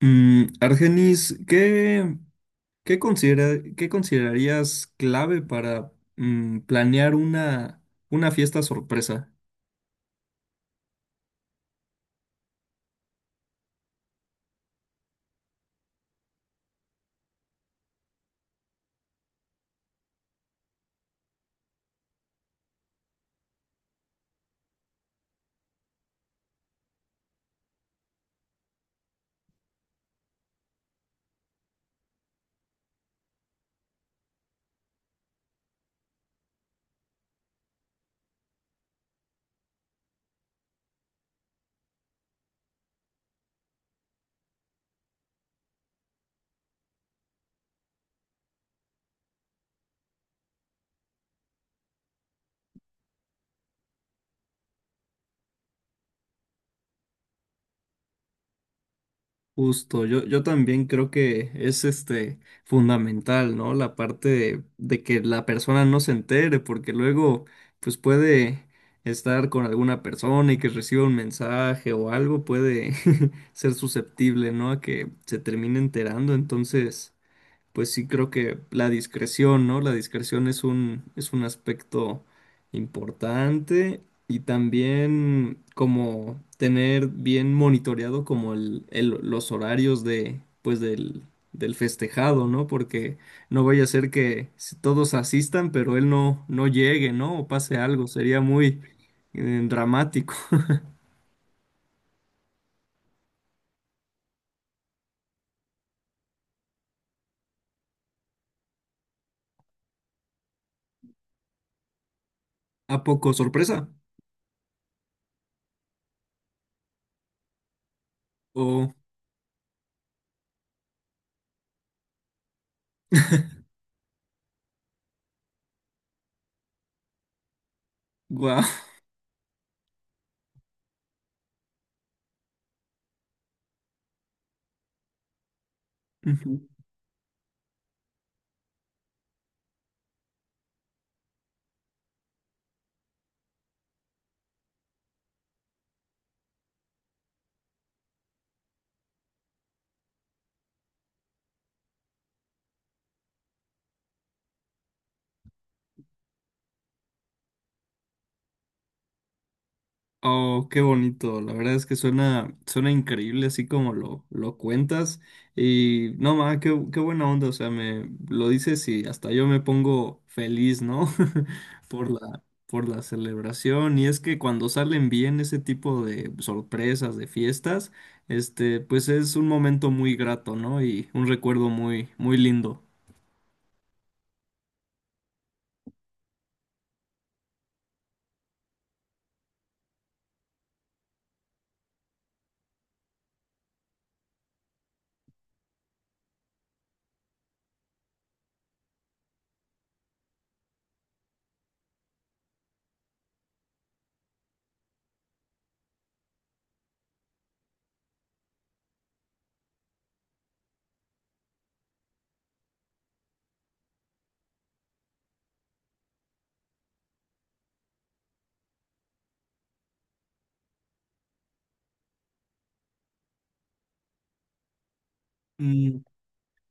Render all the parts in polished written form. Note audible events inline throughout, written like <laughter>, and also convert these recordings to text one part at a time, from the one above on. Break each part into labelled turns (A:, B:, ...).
A: Argenis, qué qué considerarías clave para planear una fiesta sorpresa? Justo, yo también creo que es este fundamental, ¿no? La parte de que la persona no se entere, porque luego pues puede estar con alguna persona y que reciba un mensaje o algo, puede <laughs> ser susceptible, ¿no? A que se termine enterando, entonces, pues sí creo que la discreción, ¿no? La discreción es es un aspecto importante y también como tener bien monitoreado como los horarios de, pues del festejado, ¿no? Porque no vaya a ser que si todos asistan, pero él no llegue, ¿no? O pase algo, sería muy dramático. ¿A poco sorpresa? O, wow. <laughs> Oh, qué bonito. La verdad es que suena, suena increíble así como lo cuentas. Y no, ma, qué buena onda. O sea, me lo dices y hasta yo me pongo feliz, ¿no? <laughs> Por por la celebración. Y es que cuando salen bien ese tipo de sorpresas, de fiestas, este, pues es un momento muy grato, ¿no? Y un recuerdo muy, muy lindo.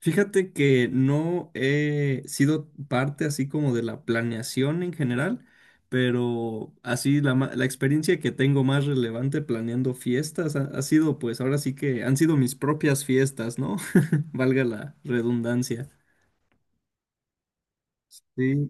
A: Fíjate que no he sido parte así como de la planeación en general, pero así la experiencia que tengo más relevante planeando fiestas ha sido pues ahora sí que han sido mis propias fiestas, ¿no? <laughs> Valga la redundancia. Sí,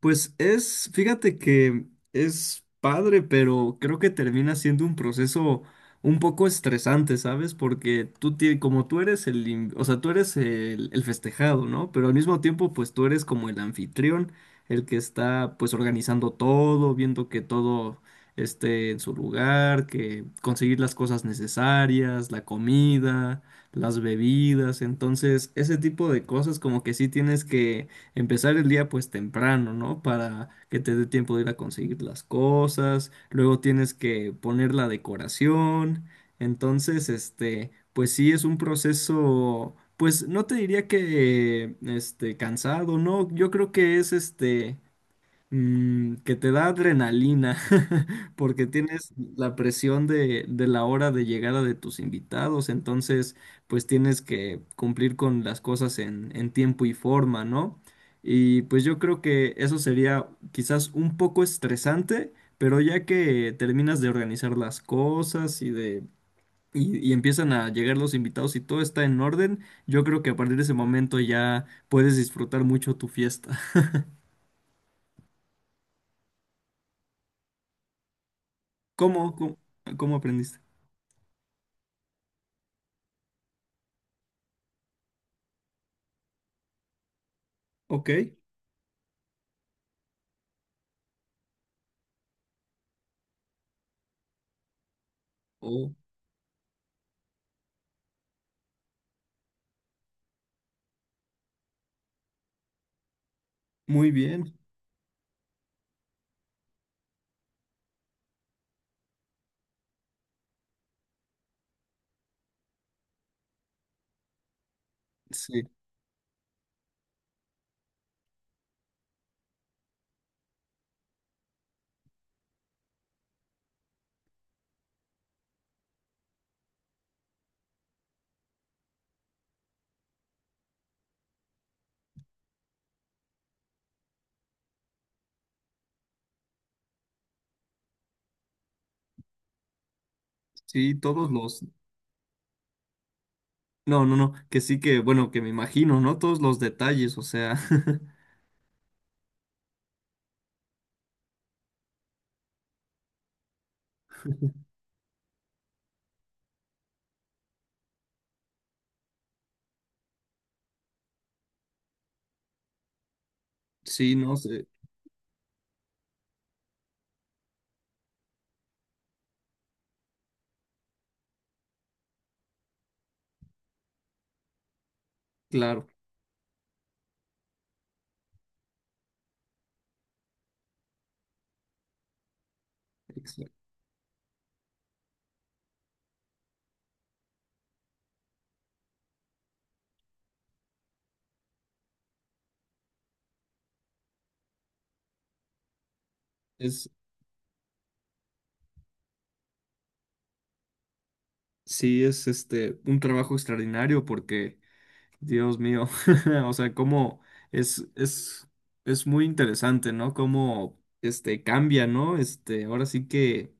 A: pues es, fíjate que es padre, pero creo que termina siendo un proceso un poco estresante, ¿sabes? Porque como tú eres o sea, tú eres el festejado, ¿no? Pero al mismo tiempo, pues tú eres como el anfitrión, el que está, pues, organizando todo, viendo que todo esté en su lugar, que conseguir las cosas necesarias, la comida, las bebidas, entonces, ese tipo de cosas como que sí tienes que empezar el día pues temprano, ¿no? Para que te dé tiempo de ir a conseguir las cosas, luego tienes que poner la decoración, entonces, este, pues sí es un proceso, pues no te diría que, este, cansado, ¿no? Yo creo que es, este, que te da adrenalina <laughs> porque tienes la presión de la hora de llegada de tus invitados, entonces pues tienes que cumplir con las cosas en tiempo y forma, ¿no? Y pues yo creo que eso sería quizás un poco estresante, pero ya que terminas de organizar las cosas y de... Y, y empiezan a llegar los invitados y todo está en orden, yo creo que a partir de ese momento ya puedes disfrutar mucho tu fiesta. <laughs> ¿Cómo, cómo aprendiste? Ok. Oh, muy bien. Sí, sí, todos los... No, no, no, que sí que, bueno, que me imagino, ¿no? Todos los detalles, o sea, <laughs> sí, no sé, claro, exa- es, sí, es este, un trabajo extraordinario porque, Dios mío, <laughs> o sea, cómo es, es, es muy interesante, ¿no? Cómo, este, cambia, ¿no? Este, ahora sí que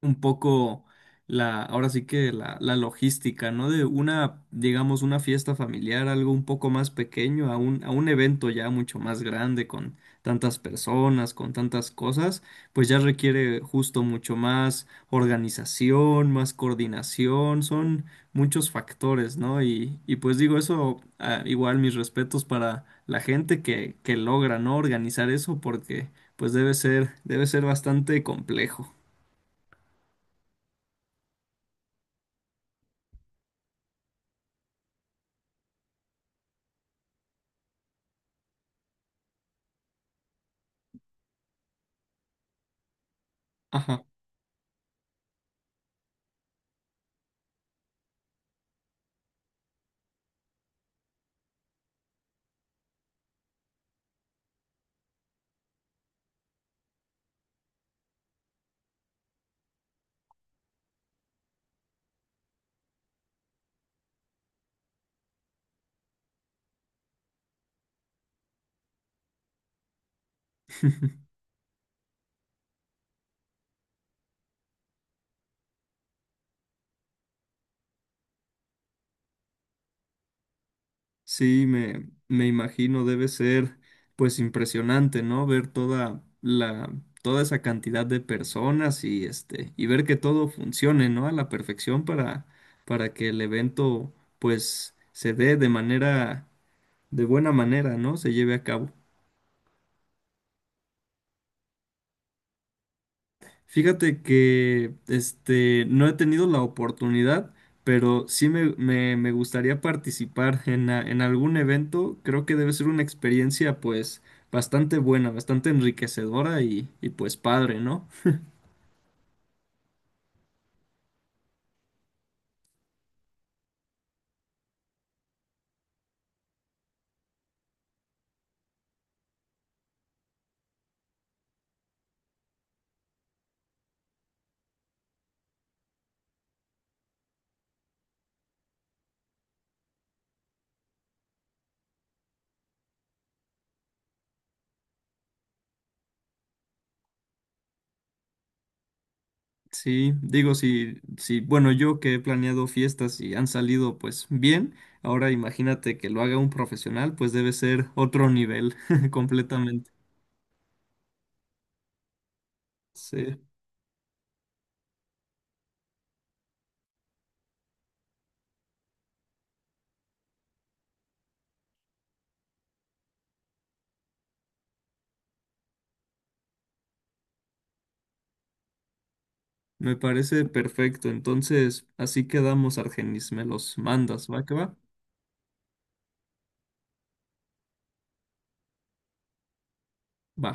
A: un poco la, ahora sí que la logística, ¿no? De una, digamos, una fiesta familiar, algo un poco más pequeño, a un evento ya mucho más grande, con tantas personas, con tantas cosas, pues ya requiere justo mucho más organización, más coordinación, son muchos factores, ¿no? Y pues digo eso, ah, igual mis respetos para la gente que logra, ¿no? Organizar eso porque pues debe ser bastante complejo. Ajá. <laughs> Sí, me imagino, debe ser pues impresionante, ¿no? Ver toda toda esa cantidad de personas y este, y ver que todo funcione, ¿no? A la perfección para que el evento pues se dé de manera, de buena manera, ¿no? Se lleve a cabo. Fíjate que este no he tenido la oportunidad, pero sí me gustaría participar en algún evento. Creo que debe ser una experiencia pues bastante buena, bastante enriquecedora y pues padre, ¿no? Sí, digo, si, si, bueno, yo que he planeado fiestas y han salido pues bien, ahora imagínate que lo haga un profesional, pues debe ser otro nivel <laughs> completamente. Sí. Me parece perfecto. Entonces, así quedamos, Argenis. Me los mandas, ¿va que va? Va.